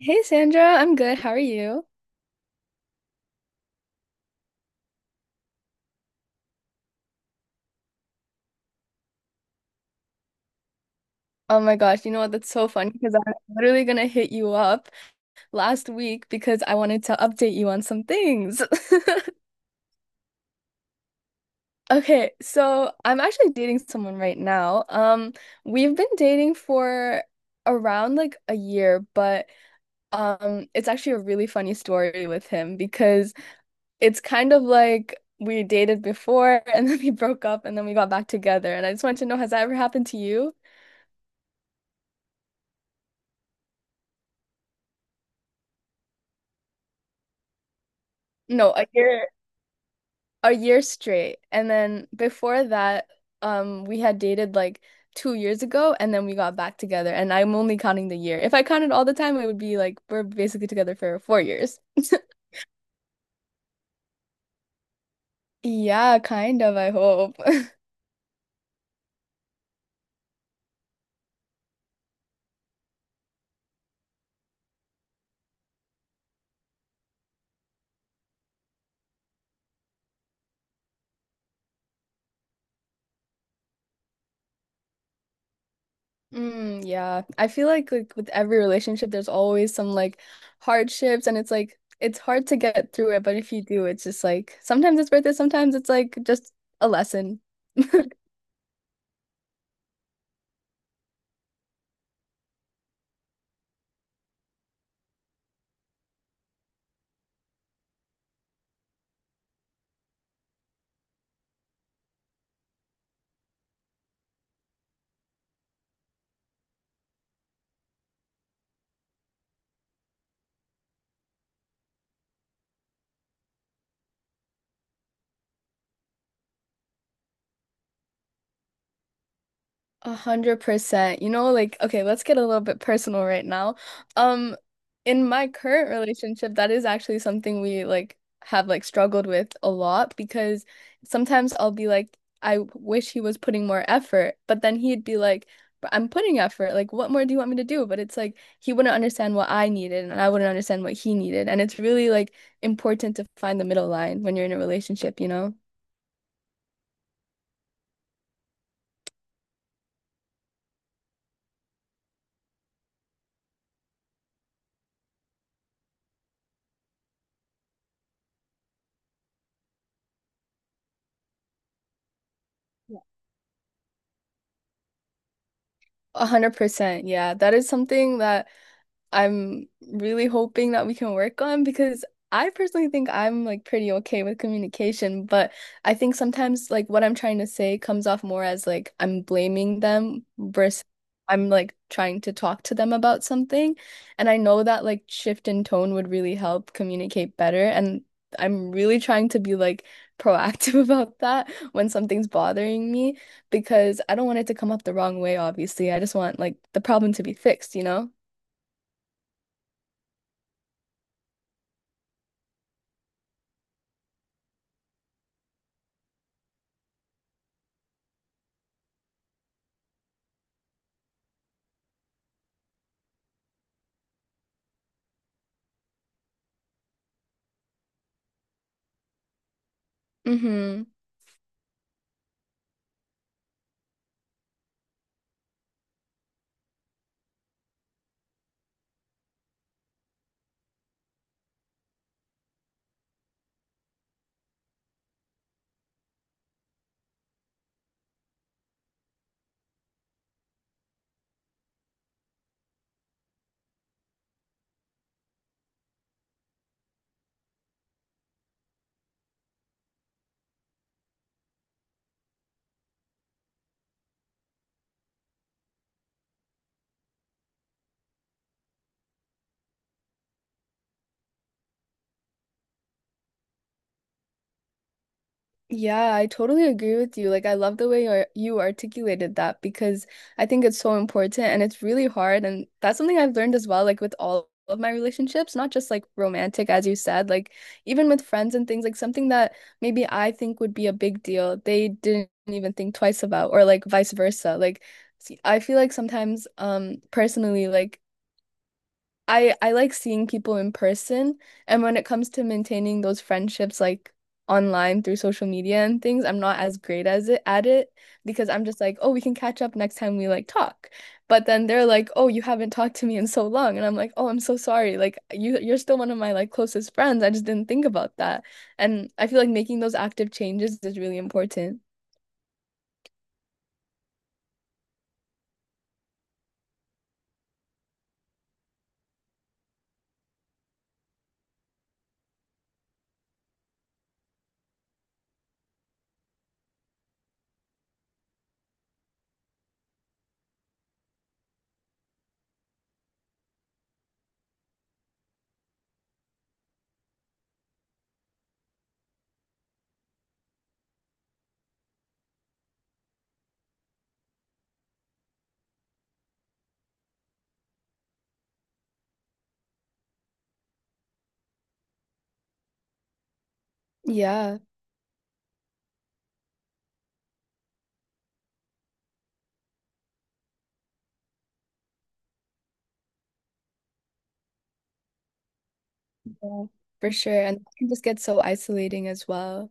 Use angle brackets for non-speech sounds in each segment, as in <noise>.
Hey Sandra, I'm good. How are you? Oh my gosh, you know what? That's so funny because I'm literally gonna hit you up last week because I wanted to update you on some things. <laughs> Okay, so I'm actually dating someone right now. We've been dating for around like a year, but it's actually a really funny story with him because it's kind of like we dated before <laughs> and then we broke up and then we got back together. And I just wanted to know, has that ever happened to you? No, a year. A year straight. And then before that, we had dated like 2 years ago and then we got back together. And I'm only counting the year. If I counted all the time, it would be like we're basically together for 4 years. <laughs> Yeah, kind of, I hope. <laughs> Mm, yeah. I feel like with every relationship there's always some like hardships and it's like it's hard to get through it, but if you do, it's just like sometimes it's worth it, sometimes it's like just a lesson. <laughs> 100%. You know, like, okay, let's get a little bit personal right now. Um, in my current relationship, that is actually something we like have like struggled with a lot because sometimes I'll be like, I wish he was putting more effort, but then he'd be like, "But I'm putting effort. Like, what more do you want me to do? But it's like he wouldn't understand what I needed and I wouldn't understand what he needed. And it's really like important to find the middle line when you're in a relationship, you know? 100%. Yeah, that is something that I'm really hoping that we can work on because I personally think I'm like pretty okay with communication, but I think sometimes like what I'm trying to say comes off more as like I'm blaming them versus I'm like trying to talk to them about something. And I know that like shift in tone would really help communicate better. And I'm really trying to be like proactive <laughs> about that when something's bothering me because I don't want it to come up the wrong way, obviously. I just want like the problem to be fixed, you know? Mm-hmm. Yeah, I totally agree with you. Like, I love the way you articulated that because I think it's so important and it's really hard. And that's something I've learned as well, like with all of my relationships, not just like romantic, as you said, like even with friends and things, like something that maybe I think would be a big deal, they didn't even think twice about, or like vice versa. Like, I feel like sometimes, personally, like I like seeing people in person, and when it comes to maintaining those friendships like online through social media and things, I'm not as great as it at it because I'm just like, "Oh, we can catch up next time we like talk." But then they're like, "Oh, you haven't talked to me in so long." And I'm like, "Oh, I'm so sorry. Like you're still one of my like closest friends. I just didn't think about that." And I feel like making those active changes is really important. Yeah, yeah, for sure. And it can just get so isolating as well.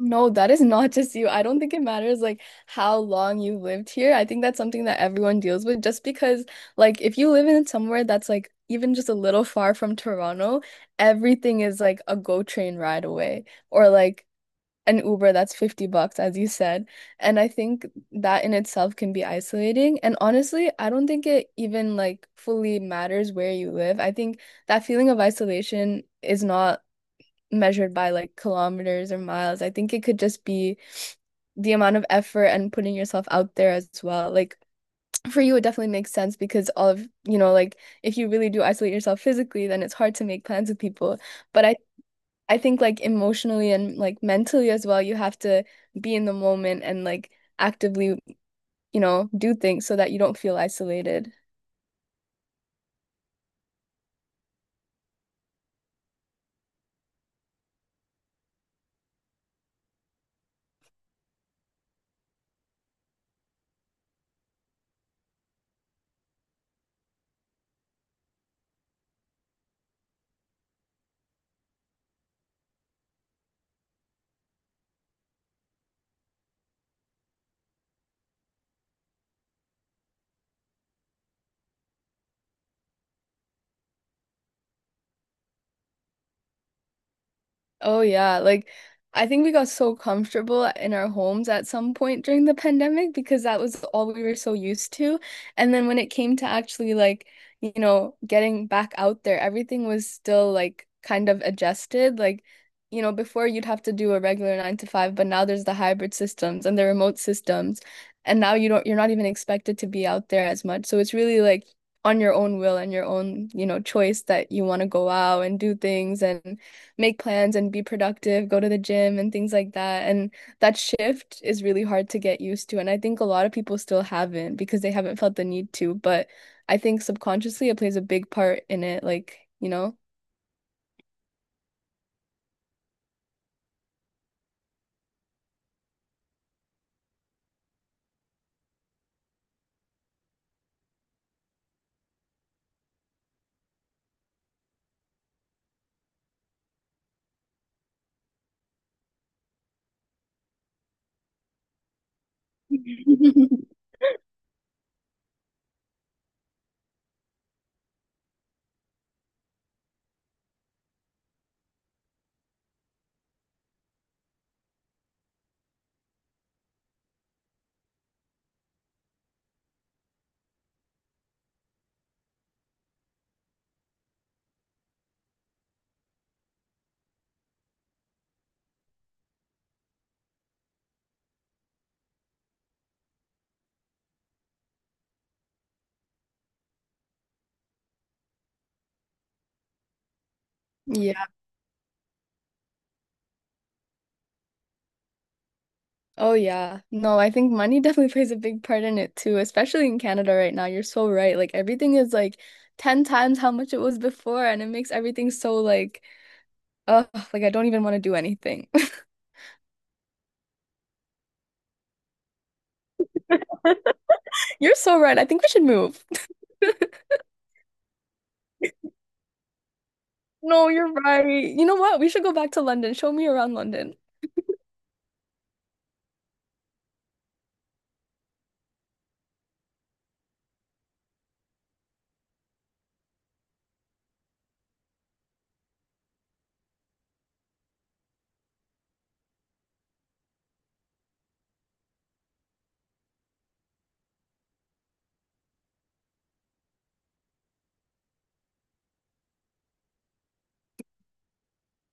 No, that is not just you. I don't think it matters like how long you lived here. I think that's something that everyone deals with just because like if you live in somewhere that's like even just a little far from Toronto, everything is like a GO train ride away or like an Uber that's 50 bucks as you said. And I think that in itself can be isolating. And honestly, I don't think it even like fully matters where you live. I think that feeling of isolation is not measured by like kilometers or miles. I think it could just be the amount of effort and putting yourself out there as well. Like for you, it definitely makes sense because all of, you know, like if you really do isolate yourself physically, then it's hard to make plans with people. But I think like emotionally and like mentally as well, you have to be in the moment and like actively, you know, do things so that you don't feel isolated. Oh yeah, like I think we got so comfortable in our homes at some point during the pandemic because that was all we were so used to. And then when it came to actually like, you know, getting back out there, everything was still like kind of adjusted. Like, you know, before you'd have to do a regular nine to five, but now there's the hybrid systems and the remote systems. And now you don't, you're not even expected to be out there as much. So it's really like on your own will and your own, you know, choice that you want to go out and do things and make plans and be productive, go to the gym and things like that. And that shift is really hard to get used to. And I think a lot of people still haven't because they haven't felt the need to. But I think subconsciously it plays a big part in it. Like, you know? <laughs> Yeah. Oh, yeah. No, I think money <laughs> definitely plays a big part in it too, especially in Canada right now. You're so right. Like everything is like 10 times how much it was before, and it makes everything so like, oh like I don't even want to do anything. <laughs> You're so right. I think we should move. No, you're right. You know what? We should go back to London. Show me around London.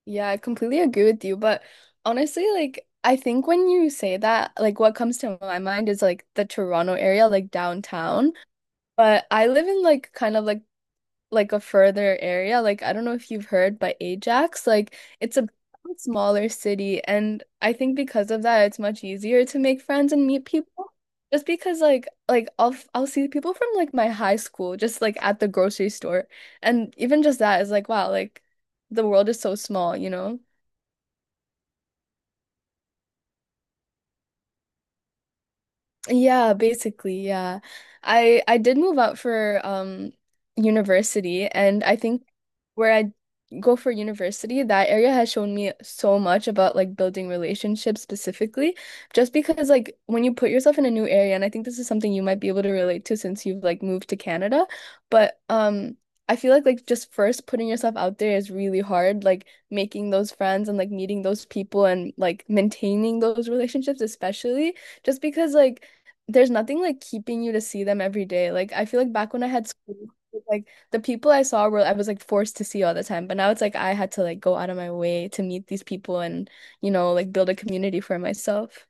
Yeah, I completely agree with you. But honestly, like, I think when you say that, like, what comes to my mind is like the Toronto area, like downtown. But I live in like kind of like a further area. Like I don't know if you've heard, but Ajax, like it's a smaller city, and I think because of that, it's much easier to make friends and meet people. Just because like I'll see people from like my high school just like at the grocery store, and even just that is like wow, like the world is so small, you know? Yeah, basically, yeah. I did move out for university and I think where I go for university, that area has shown me so much about like building relationships specifically, just because like when you put yourself in a new area, and I think this is something you might be able to relate to since you've like moved to Canada, but I feel like just first putting yourself out there is really hard, like making those friends and like meeting those people and like maintaining those relationships especially just because like there's nothing like keeping you to see them every day. Like I feel like back when I had school, like the people I saw were I was like forced to see all the time. But now it's like I had to like go out of my way to meet these people and, you know, like build a community for myself.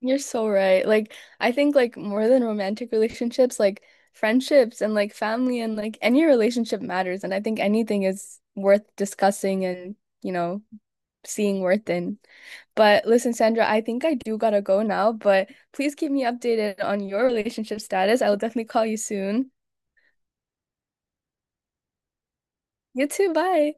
You're so right. Like I think like more than romantic relationships, like friendships and like family and like any relationship matters. And I think anything is worth discussing and, you know, seeing worth in. But listen, Sandra, I think I do gotta go now, but please keep me updated on your relationship status. I will definitely call you soon. You too, bye.